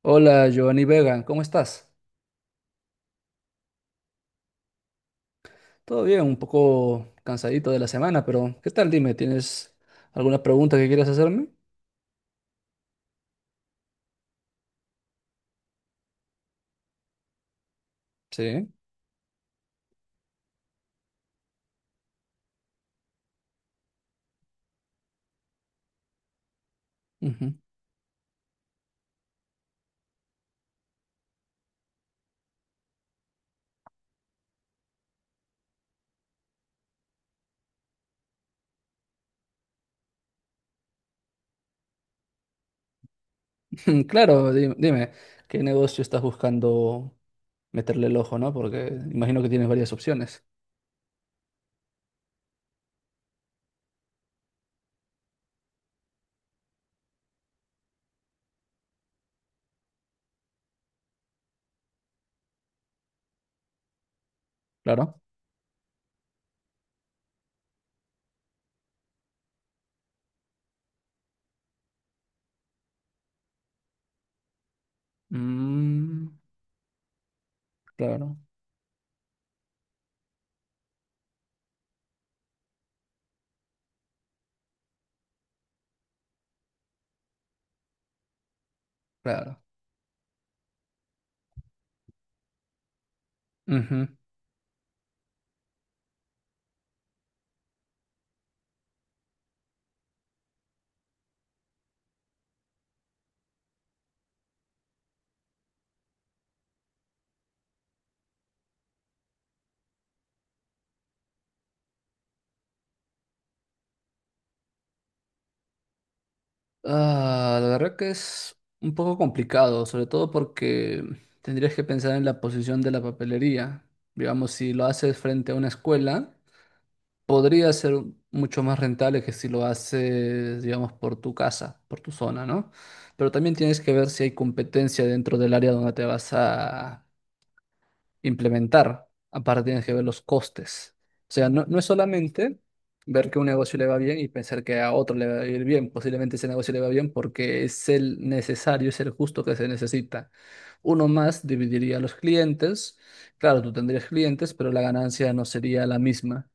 Hola, Giovanni Vega, ¿cómo estás? Todo bien, un poco cansadito de la semana, pero ¿qué tal? Dime, ¿tienes alguna pregunta que quieras hacerme? Sí. Ujú. Claro, dime, ¿qué negocio estás buscando meterle el ojo, no? Porque imagino que tienes varias opciones. Claro. Mm, claro, claro. Ujú. Ah, la verdad que es un poco complicado, sobre todo porque tendrías que pensar en la posición de la papelería. Digamos, si lo haces frente a una escuela, podría ser mucho más rentable que si lo haces, digamos, por tu casa, por tu zona, ¿no? Pero también tienes que ver si hay competencia dentro del área donde te vas a implementar. Aparte tienes que ver los costes. O sea, no, no es solamente ver que un negocio le va bien y pensar que a otro le va a ir bien. Posiblemente ese negocio le va bien porque es el necesario, es el justo que se necesita. Uno más dividiría los clientes. Claro, tú tendrías clientes, pero la ganancia no sería la misma.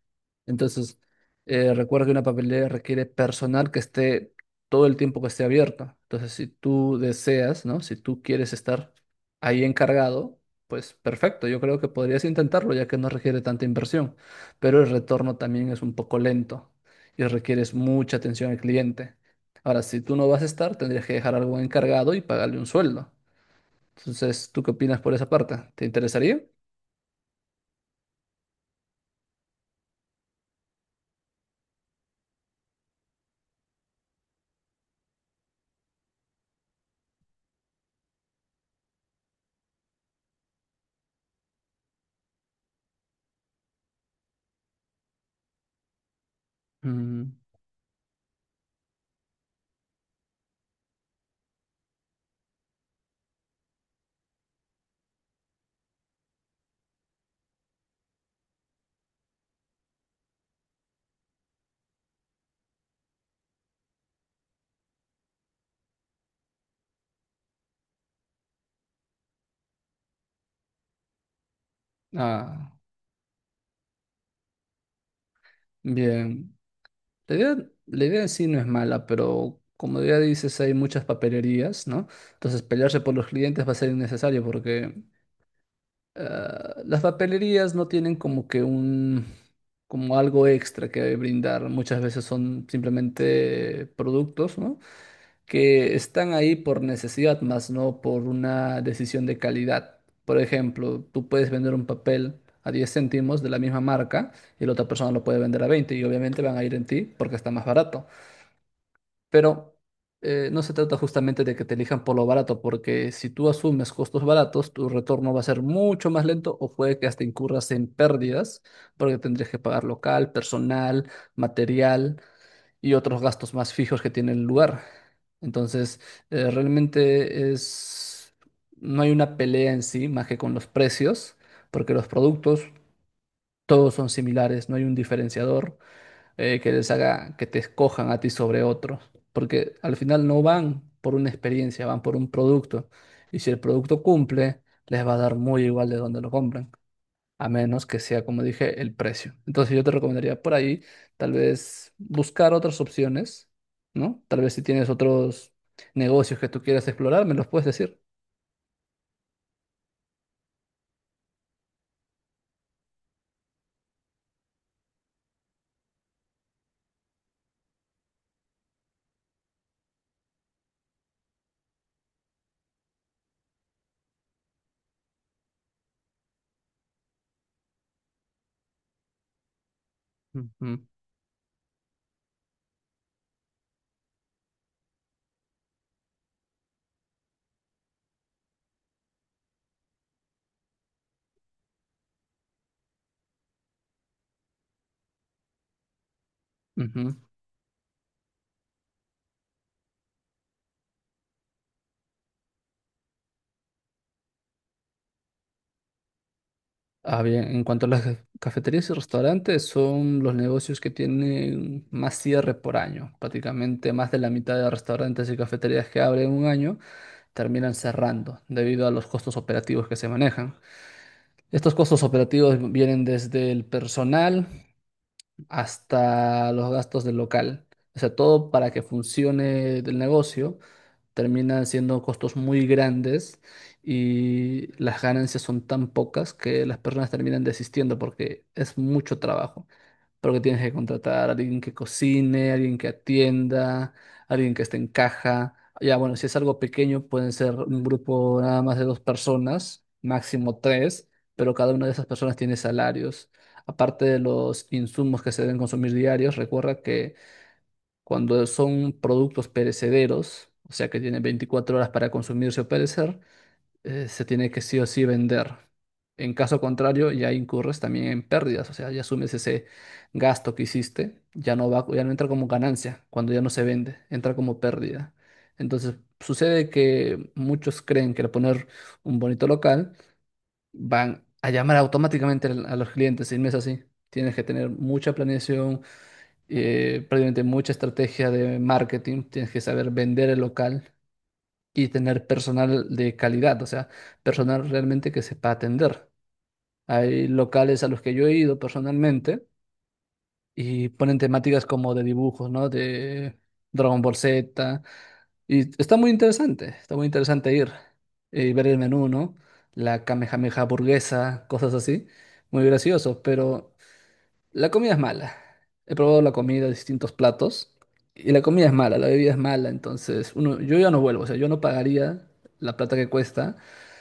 Entonces, recuerda que una papelera requiere personal que esté todo el tiempo que esté abierta. Entonces, si tú deseas, ¿no? Si tú quieres estar ahí encargado, pues perfecto, yo creo que podrías intentarlo ya que no requiere tanta inversión, pero el retorno también es un poco lento y requieres mucha atención al cliente. Ahora, si tú no vas a estar, tendrías que dejar algo encargado y pagarle un sueldo. Entonces, ¿tú qué opinas por esa parte? ¿Te interesaría? Mm, ah, bien. La idea, la idea en sí no es mala, pero como ya dices, hay muchas papelerías, ¿no? Entonces, pelearse por los clientes va a ser innecesario porque ah, las papelerías no tienen como que un, como algo extra que brindar. Muchas veces son simplemente productos, ¿no? Que están ahí por necesidad, más no por una decisión de calidad. Por ejemplo, tú puedes vender un papel a 10 céntimos de la misma marca y la otra persona lo puede vender a 20 y obviamente van a ir en ti porque está más barato. Pero no se trata justamente de que te elijan por lo barato, porque si tú asumes costos baratos, tu retorno va a ser mucho más lento o puede que hasta incurras en pérdidas, porque tendrías que pagar local, personal, material y otros gastos más fijos que tiene el lugar. Entonces, realmente es, no hay una pelea en sí más que con los precios, porque los productos todos son similares, no hay un diferenciador que les haga que te escojan a ti sobre otros, porque al final no van por una experiencia, van por un producto. Y si el producto cumple, les va a dar muy igual de donde lo compran, a menos que sea, como dije, el precio. Entonces yo te recomendaría por ahí tal vez buscar otras opciones, ¿no? Tal vez si tienes otros negocios que tú quieras explorar, me los puedes decir. Mm. Ujú, ujú. Ah, bien, en cuanto a las cafeterías y restaurantes, son los negocios que tienen más cierre por año. Prácticamente más de la mitad de restaurantes y cafeterías que abren un año terminan cerrando debido a los costos operativos que se manejan. Estos costos operativos vienen desde el personal hasta los gastos del local. O sea, todo para que funcione el negocio termina siendo costos muy grandes y las ganancias son tan pocas que las personas terminan desistiendo porque es mucho trabajo. Porque tienes que contratar a alguien que cocine, alguien que atienda, alguien que esté en caja. Ya, bueno, si es algo pequeño, pueden ser un grupo nada más de dos personas, máximo tres, pero cada una de esas personas tiene salarios. Aparte de los insumos que se deben consumir diarios, recuerda que cuando son productos perecederos, o sea que tienen 24 horas para consumirse o perecer, se tiene que sí o sí vender. En caso contrario, ya incurres también en pérdidas, o sea, ya asumes ese gasto que hiciste, ya no va, ya no entra como ganancia cuando ya no se vende, entra como pérdida. Entonces, sucede que muchos creen que al poner un bonito local van a llamar automáticamente a los clientes y no es así. Tienes que tener mucha planeación, prácticamente mucha estrategia de marketing, tienes que saber vender el local y tener personal de calidad, o sea, personal realmente que sepa atender. Hay locales a los que yo he ido personalmente y ponen temáticas como de dibujos, ¿no? De Dragon Ball Z. Y está muy interesante ir y ver el menú, ¿no? La Kamehameha burguesa, cosas así. Muy gracioso, pero la comida es mala. He probado la comida de distintos platos y la comida es mala, la bebida es mala, entonces uno, yo ya no vuelvo, o sea, yo no pagaría la plata que cuesta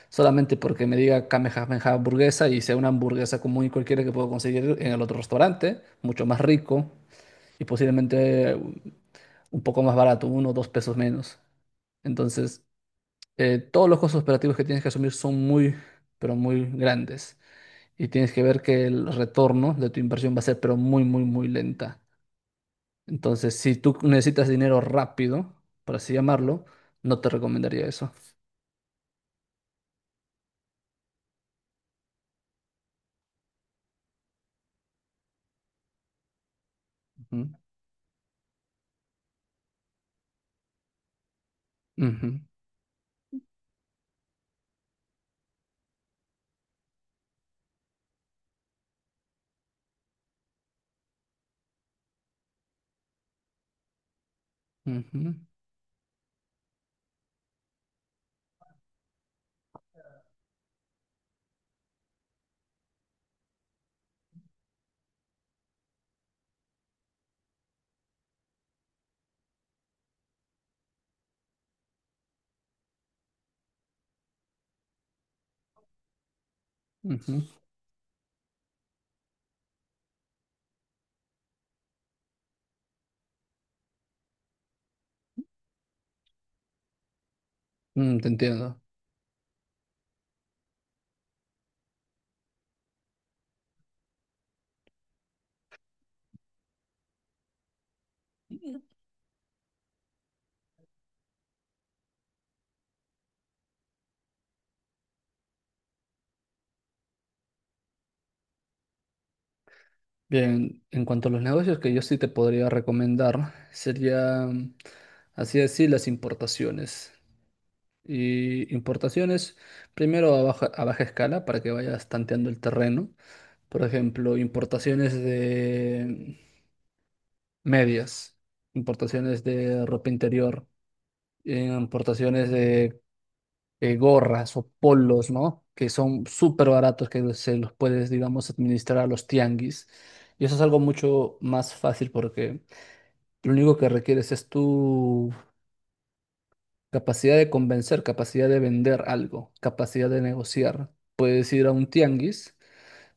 solamente porque me diga Kamehameha hamburguesa y sea una hamburguesa común y cualquiera que puedo conseguir en el otro restaurante, mucho más rico y posiblemente un poco más barato, 1 o 2 pesos menos. Entonces, todos los costos operativos que tienes que asumir son muy, pero muy grandes y tienes que ver que el retorno de tu inversión va a ser pero muy, muy, muy lenta. Entonces, si tú necesitas dinero rápido, por así llamarlo, no te recomendaría eso. Ujú, ujú, ujú, ujú. Mm, te entiendo. Bien, en cuanto a los negocios que yo sí te podría recomendar, serían, así decir, las importaciones. Y importaciones, primero a baja escala para que vayas tanteando el terreno. Por ejemplo, importaciones de medias, importaciones de ropa interior, importaciones de gorras o polos, ¿no? Que son súper baratos, que se los puedes, digamos, administrar a los tianguis. Y eso es algo mucho más fácil porque lo único que requieres es tu capacidad de convencer, capacidad de vender algo, capacidad de negociar. Puedes ir a un tianguis,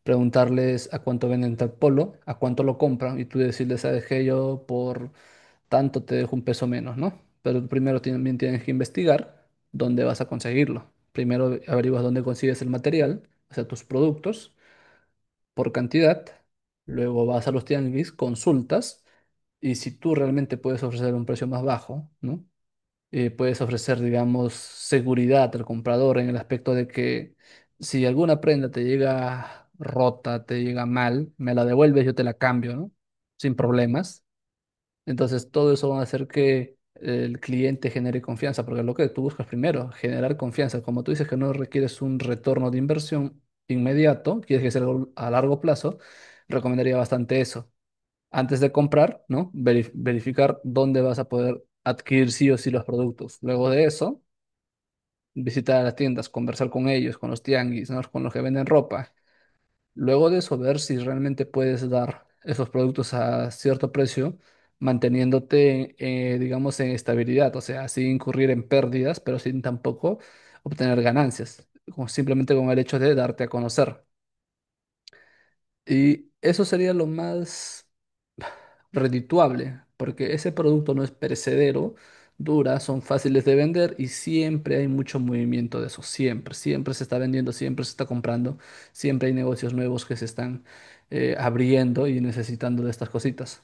preguntarles a cuánto venden tal polo, a cuánto lo compran y tú decirles, ¿sabes qué? Yo por tanto te dejo un peso menos, ¿no? Pero primero también tienes que investigar dónde vas a conseguirlo. Primero averiguas dónde consigues el material, o sea, tus productos por cantidad. Luego vas a los tianguis, consultas y si tú realmente puedes ofrecer un precio más bajo, ¿no? Puedes ofrecer, digamos, seguridad al comprador en el aspecto de que si alguna prenda te llega rota, te llega mal, me la devuelves, yo te la cambio, ¿no? Sin problemas. Entonces, todo eso va a hacer que el cliente genere confianza, porque lo que tú buscas primero, generar confianza. Como tú dices que no requieres un retorno de inversión inmediato, quieres que sea algo a largo plazo, recomendaría bastante eso. Antes de comprar, ¿no? Verificar dónde vas a poder adquirir sí o sí los productos. Luego de eso, visitar las tiendas, conversar con ellos, con los tianguis, ¿no? Con los que venden ropa. Luego de eso, ver si realmente puedes dar esos productos a cierto precio, manteniéndote, digamos, en estabilidad, o sea, sin incurrir en pérdidas, pero sin tampoco obtener ganancias, como simplemente con el hecho de darte a conocer. Y eso sería lo más redituable, porque ese producto no es perecedero, dura, son fáciles de vender y siempre hay mucho movimiento de eso, siempre, siempre se está vendiendo, siempre se está comprando, siempre hay negocios nuevos que se están abriendo y necesitando de estas cositas.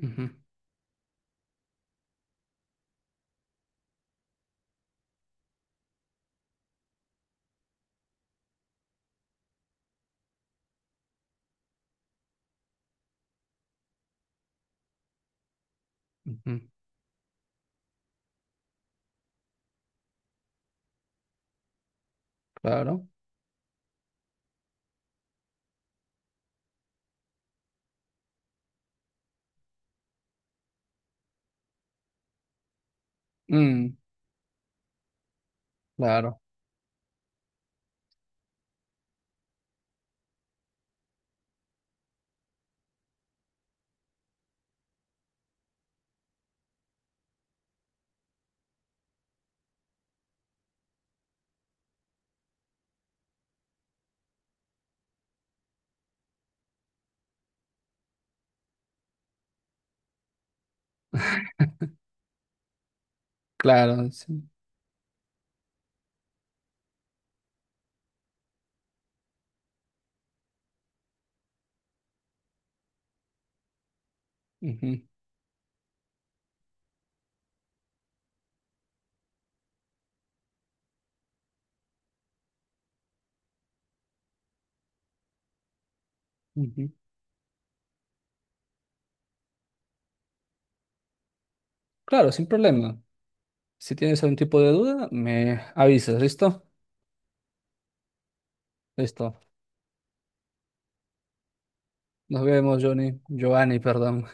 Ujú, ujú, claro. Mm, claro, claro. Sí, ujú, ujú. Claro, sin problema. Si tienes algún tipo de duda, me avisas, ¿listo? Listo. Nos vemos, Johnny. Giovanni, perdón.